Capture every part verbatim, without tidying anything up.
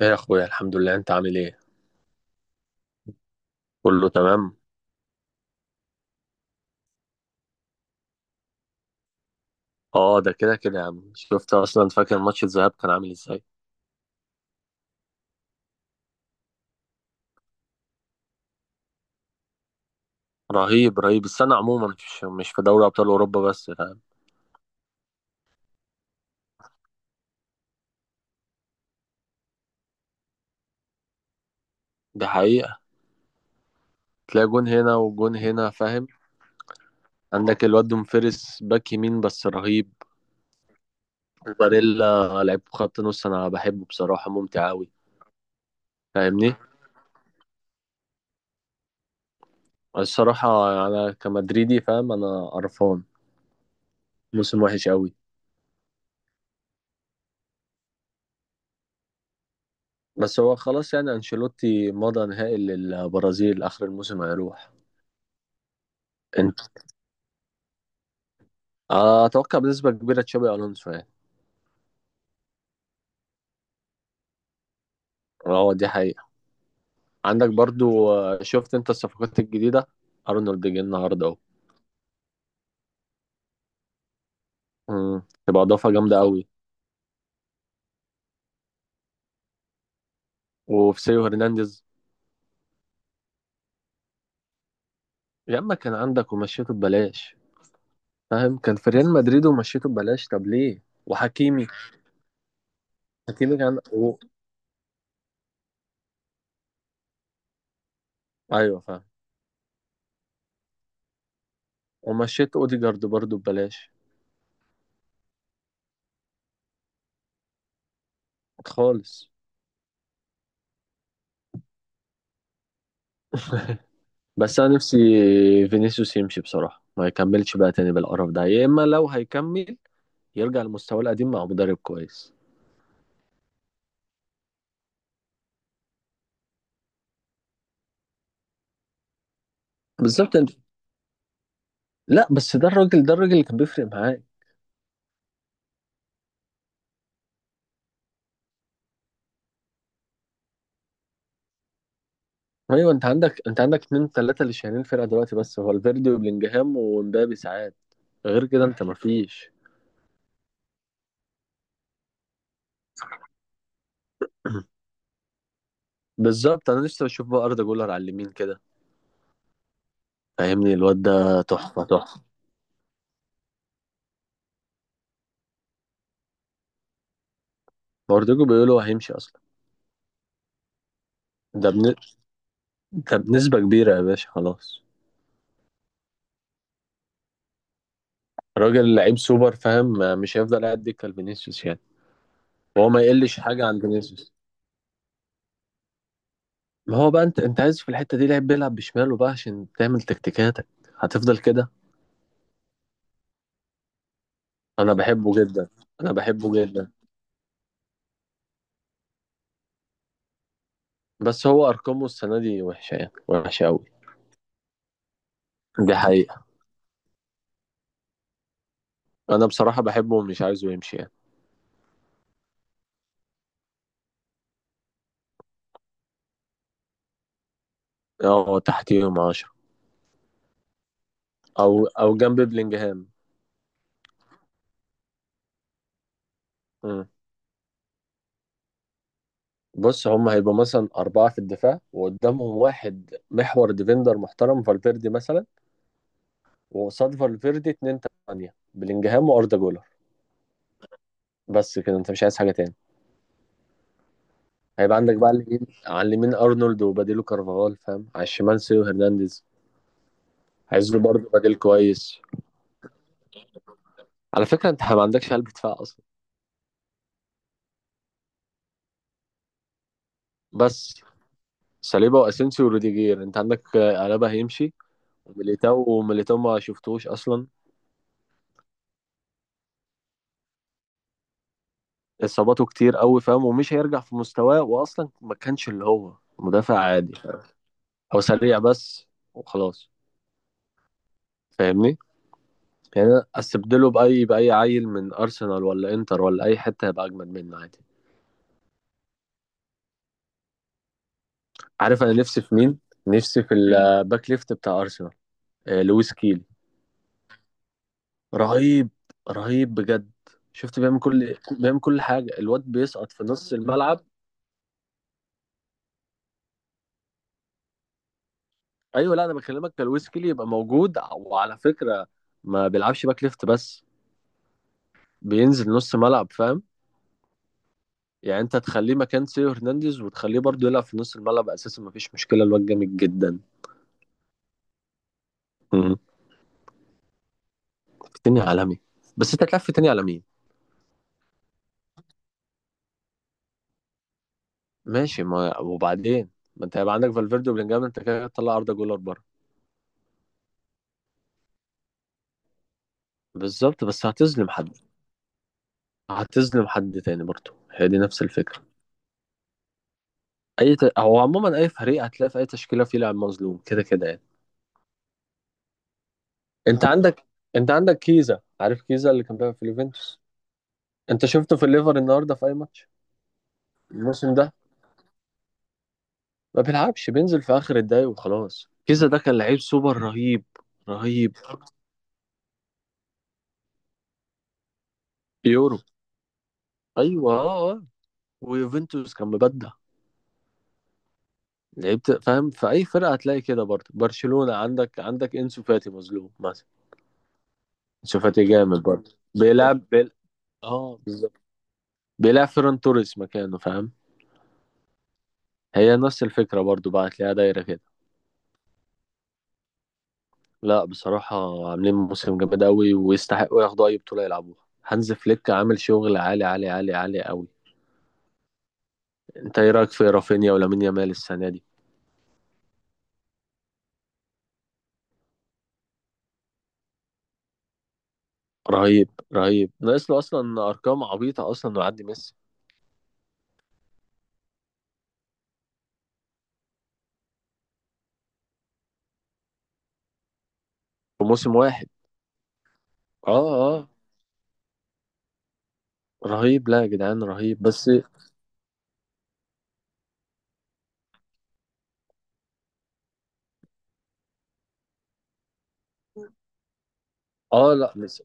ايه يا اخويا، الحمد لله. انت عامل ايه؟ كله تمام. اه، ده كده كده يا عم، شفت اصلا. فاكر ماتش الذهاب كان عامل ازاي؟ رهيب رهيب. السنه عموما مش مش في دوري ابطال اوروبا بس، فاهم. دي حقيقه. تلاقي جون هنا وجون هنا، فاهم. عندك الواد دوم فيرس باك يمين، بس رهيب. باريلا لعيب خط نص انا بحبه بصراحه، ممتع قوي. فاهمني. الصراحه، انا كمدريدي، فاهم، انا قرفان. موسم وحش قوي. بس هو خلاص يعني، انشيلوتي مضى نهائي للبرازيل، اخر الموسم هيروح. آه، اتوقع بنسبه كبيره تشابي الونسو يعني. اه، دي حقيقه. عندك برضو، آه، شفت انت الصفقات الجديده؟ ارنولد جه النهارده اهو. مم، تبقى اضافه جامده قوي. وفي سيو هرنانديز. يا اما كان عندك ومشيته ببلاش، فاهم، كان في ريال مدريد ومشيته ببلاش. طب ليه؟ وحكيمي. حكيمي كان و... ايوه فاهم. ومشيت اوديجارد برضو ببلاش. خالص. بس انا نفسي فينيسيوس يمشي بصراحه، ما يكملش بقى تاني بالقرف ده، يا اما لو هيكمل يرجع لمستواه القديم مع مدرب كويس. بالظبط انت. لا، بس ده الراجل ده الراجل اللي كان بيفرق معاك. ايوه، انت عندك انت عندك اتنين تلاته اللي شايلين الفرقه دلوقتي، بس هو الفيردي وبلينجهام ومبابي ساعات. غير كده انت مفيش. بالظبط، انا لسه بشوف بقى اردا جولر على اليمين كده. فاهمني، الواد ده تحفه تحفه. برضه بيقولوا هيمشي اصلا. ده بن... ده بنسبه كبيره يا باشا خلاص. راجل لعيب سوبر، فاهم، مش هيفضل قاعد دكه لفينيسيوس يعني. وهو ما يقلش حاجه عن فينيسيوس. ما هو بقى انت انت عايز في الحته دي لعيب بيلعب بشماله بقى عشان تعمل تكتيكاتك، هتفضل كده. انا بحبه جدا. انا بحبه جدا. بس هو ارقامه السنه دي وحشه يعني، وحشه قوي. دي حقيقه. انا بصراحه بحبه، ومش عايزه يمشي يعني. اه، تحتيهم عشرة، او او جنب بلينجهام. مم. بص، هم هيبقوا مثلا أربعة في الدفاع، وقدامهم واحد محور ديفندر محترم فالفيردي مثلا. وقصاد فالفيردي اتنين، تانية بلينجهام وأردا جولر. بس كده انت مش عايز حاجة تاني. هيبقى عندك بقى على اليمين على اليمين أرنولد وبديله كارفاغال، فاهم، على الشمال سيو هرنانديز. عايز له برضه بديل كويس. على فكرة انت ما عندكش قلب دفاع اصلا. بس ساليبا واسينسيو وروديجير انت عندك، آه، الابا هيمشي. وميليتاو وميليتاو ما شفتوش اصلا. اصاباته كتير قوي، فاهم، ومش هيرجع في مستواه، واصلا ما كانش اللي هو مدافع عادي. او سريع بس. وخلاص. فاهمني. يعني أنا استبدله باي باي عيل من ارسنال ولا انتر ولا اي حتة هيبقى اجمد منه عادي. عارف انا نفسي في مين. نفسي في مم. الباك ليفت بتاع ارسنال. آه، لويس كيل. رهيب. رهيب بجد. شفت بيعمل كل بيعمل كل حاجه، الواد بيسقط في نص الملعب. ايوه، لا انا بكلمك كالويسكلي يبقى موجود، وعلى فكره ما بيلعبش باك ليفت بس، بينزل نص ملعب، فاهم. يعني انت تخليه مكان سيو هرنانديز، وتخليه برضه يلعب في نص الملعب اساسا، مفيش مشكله، الواد جامد جدا. مم. في تاني عالمي. بس انت هتلعب في تاني على مين؟ ماشي، ما وبعدين، ما انت هيبقى عندك فالفيردي وبلينجهام، انت كده تطلع اردا جولر بره. بالظبط، بس هتظلم حد. هتظلم حد تاني برضه، هي دي نفس الفكره. اي ت... هو عموما اي فريق هتلاقي في اي تشكيله فيه لاعب مظلوم كده كده يعني. انت عندك انت عندك كيزا، عارف كيزا اللي كان بيلعب في اليوفنتوس. انت شفته في الليفر النهارده في اي ماتش؟ الموسم ده ما بيلعبش، بينزل في اخر الدقايق وخلاص. كيزا ده كان لعيب سوبر، رهيب. رهيب. يورو. ايوه، اه اه. ويوفنتوس كان مبدع. لعيبت، فاهم، في اي فرقه هتلاقي كده برضه. برشلونه، عندك عندك انسو فاتي مظلوم مثلا. انسو فاتي جامد برضه بيلعب بيل... اه بالظبط. بيلعب فيران توريس مكانه، فاهم. هي نفس الفكرة برضو بقى، هتلاقيها دايرة كده. لا، بصراحة عاملين موسم جامد أوي، ويستحقوا ياخدوا أي بطولة يلعبوها. هانز فليك عامل شغل عالي عالي عالي عالي أوي. أنت إيه رأيك في رافينيا ولامين يامال السنة دي؟ رهيب رهيب، ناقص له أصلا أرقام عبيطة أصلا إنه يعدي ميسي في موسم واحد. أه أه. رهيب، لا يا جدعان، رهيب بس. أه، لا ميسي.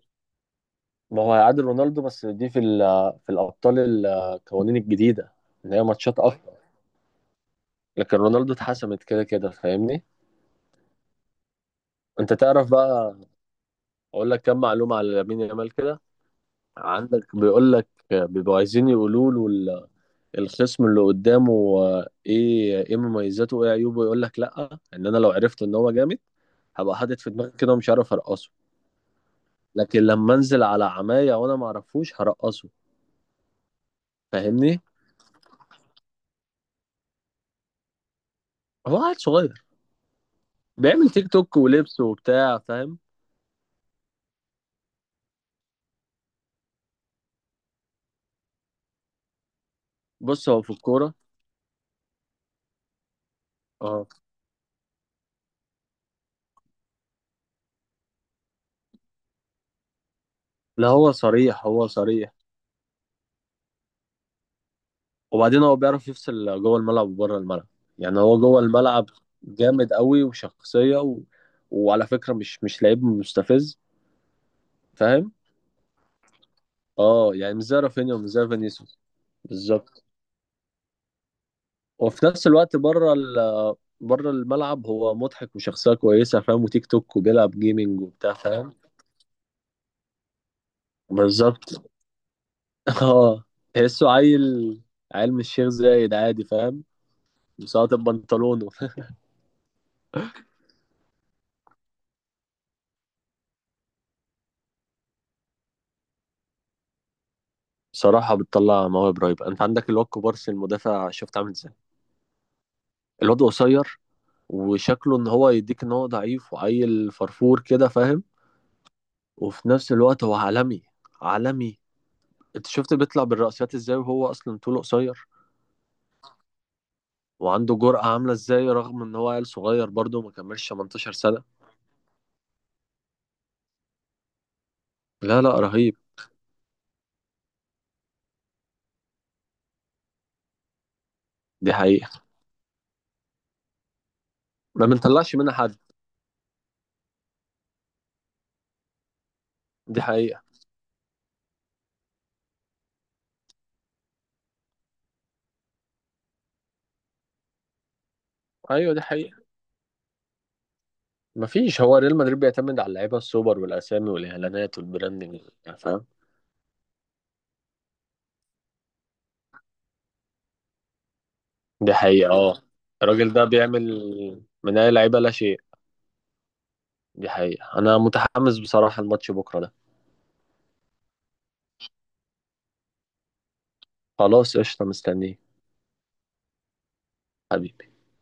ما هو هيعادل رونالدو، بس دي في ال في الأبطال، القوانين الجديدة، إن هي ماتشات أكتر. لكن رونالدو اتحسمت كده كده، فاهمني؟ أنت تعرف بقى، اقول لك كم معلومه على لامين يامال كده. عندك بيقول لك بيبقوا عايزين يقولوا له ال- الخصم اللي قدامه آه، ايه ايه مميزاته وايه عيوبه، يقول لك لا، ان انا لو عرفت ان هو جامد هبقى حاطط في دماغي كده، ومش عارف ارقصه. لكن لما انزل على عمايه وانا ما اعرفوش هرقصه، فاهمني. هو عيل صغير، بيعمل تيك توك ولبس وبتاع، فاهم. بص هو في الكوره. اه، لا هو صريح، هو صريح. وبعدين هو بيعرف يفصل جوه الملعب وبره الملعب. يعني هو جوه الملعب جامد قوي وشخصية و... وعلى فكرة مش مش لعيب مستفز، فاهم. اه، يعني مش زي رافينيا ومش زي فينيسيوس. بالظبط. وفي نفس الوقت بره ال... بره الملعب هو مضحك وشخصية كويسة، فاهم، وتيك توك وبيلعب جيمنج وبتاع، فاهم. بالظبط. اه. تحسه عيل، عيل من الشيخ زايد عادي، فاهم، مساقط بنطلونه. بصراحة بتطلع مواهب رهيبة. انت عندك الواد كوبارسي المدافع، شفت عامل ازاي؟ الواد قصير، وشكله ان هو يديك ان هو ضعيف وعيل فرفور كده، فاهم. وفي نفس الوقت هو عالمي، عالمي. انت شفت بيطلع بالرأسيات ازاي وهو اصلا طوله قصير، وعنده جرأة عاملة ازاي، رغم ان هو عيل صغير برضه ما كملش تمنتاشر سنة. لا لا، رهيب. دي حقيقة. ما بنطلعش منها حد. دي حقيقة. ايوه دي حقيقة. مفيش، هو ريال مدريد بيعتمد على اللعيبة السوبر والاسامي والاعلانات والبراندنج، فاهم. دي حقيقة اه. الراجل ده بيعمل من اي لعيبة لا شيء. دي حقيقة. أنا متحمس بصراحة، الماتش بكرة ده. خلاص قشطة، مستنيه. حبيبي.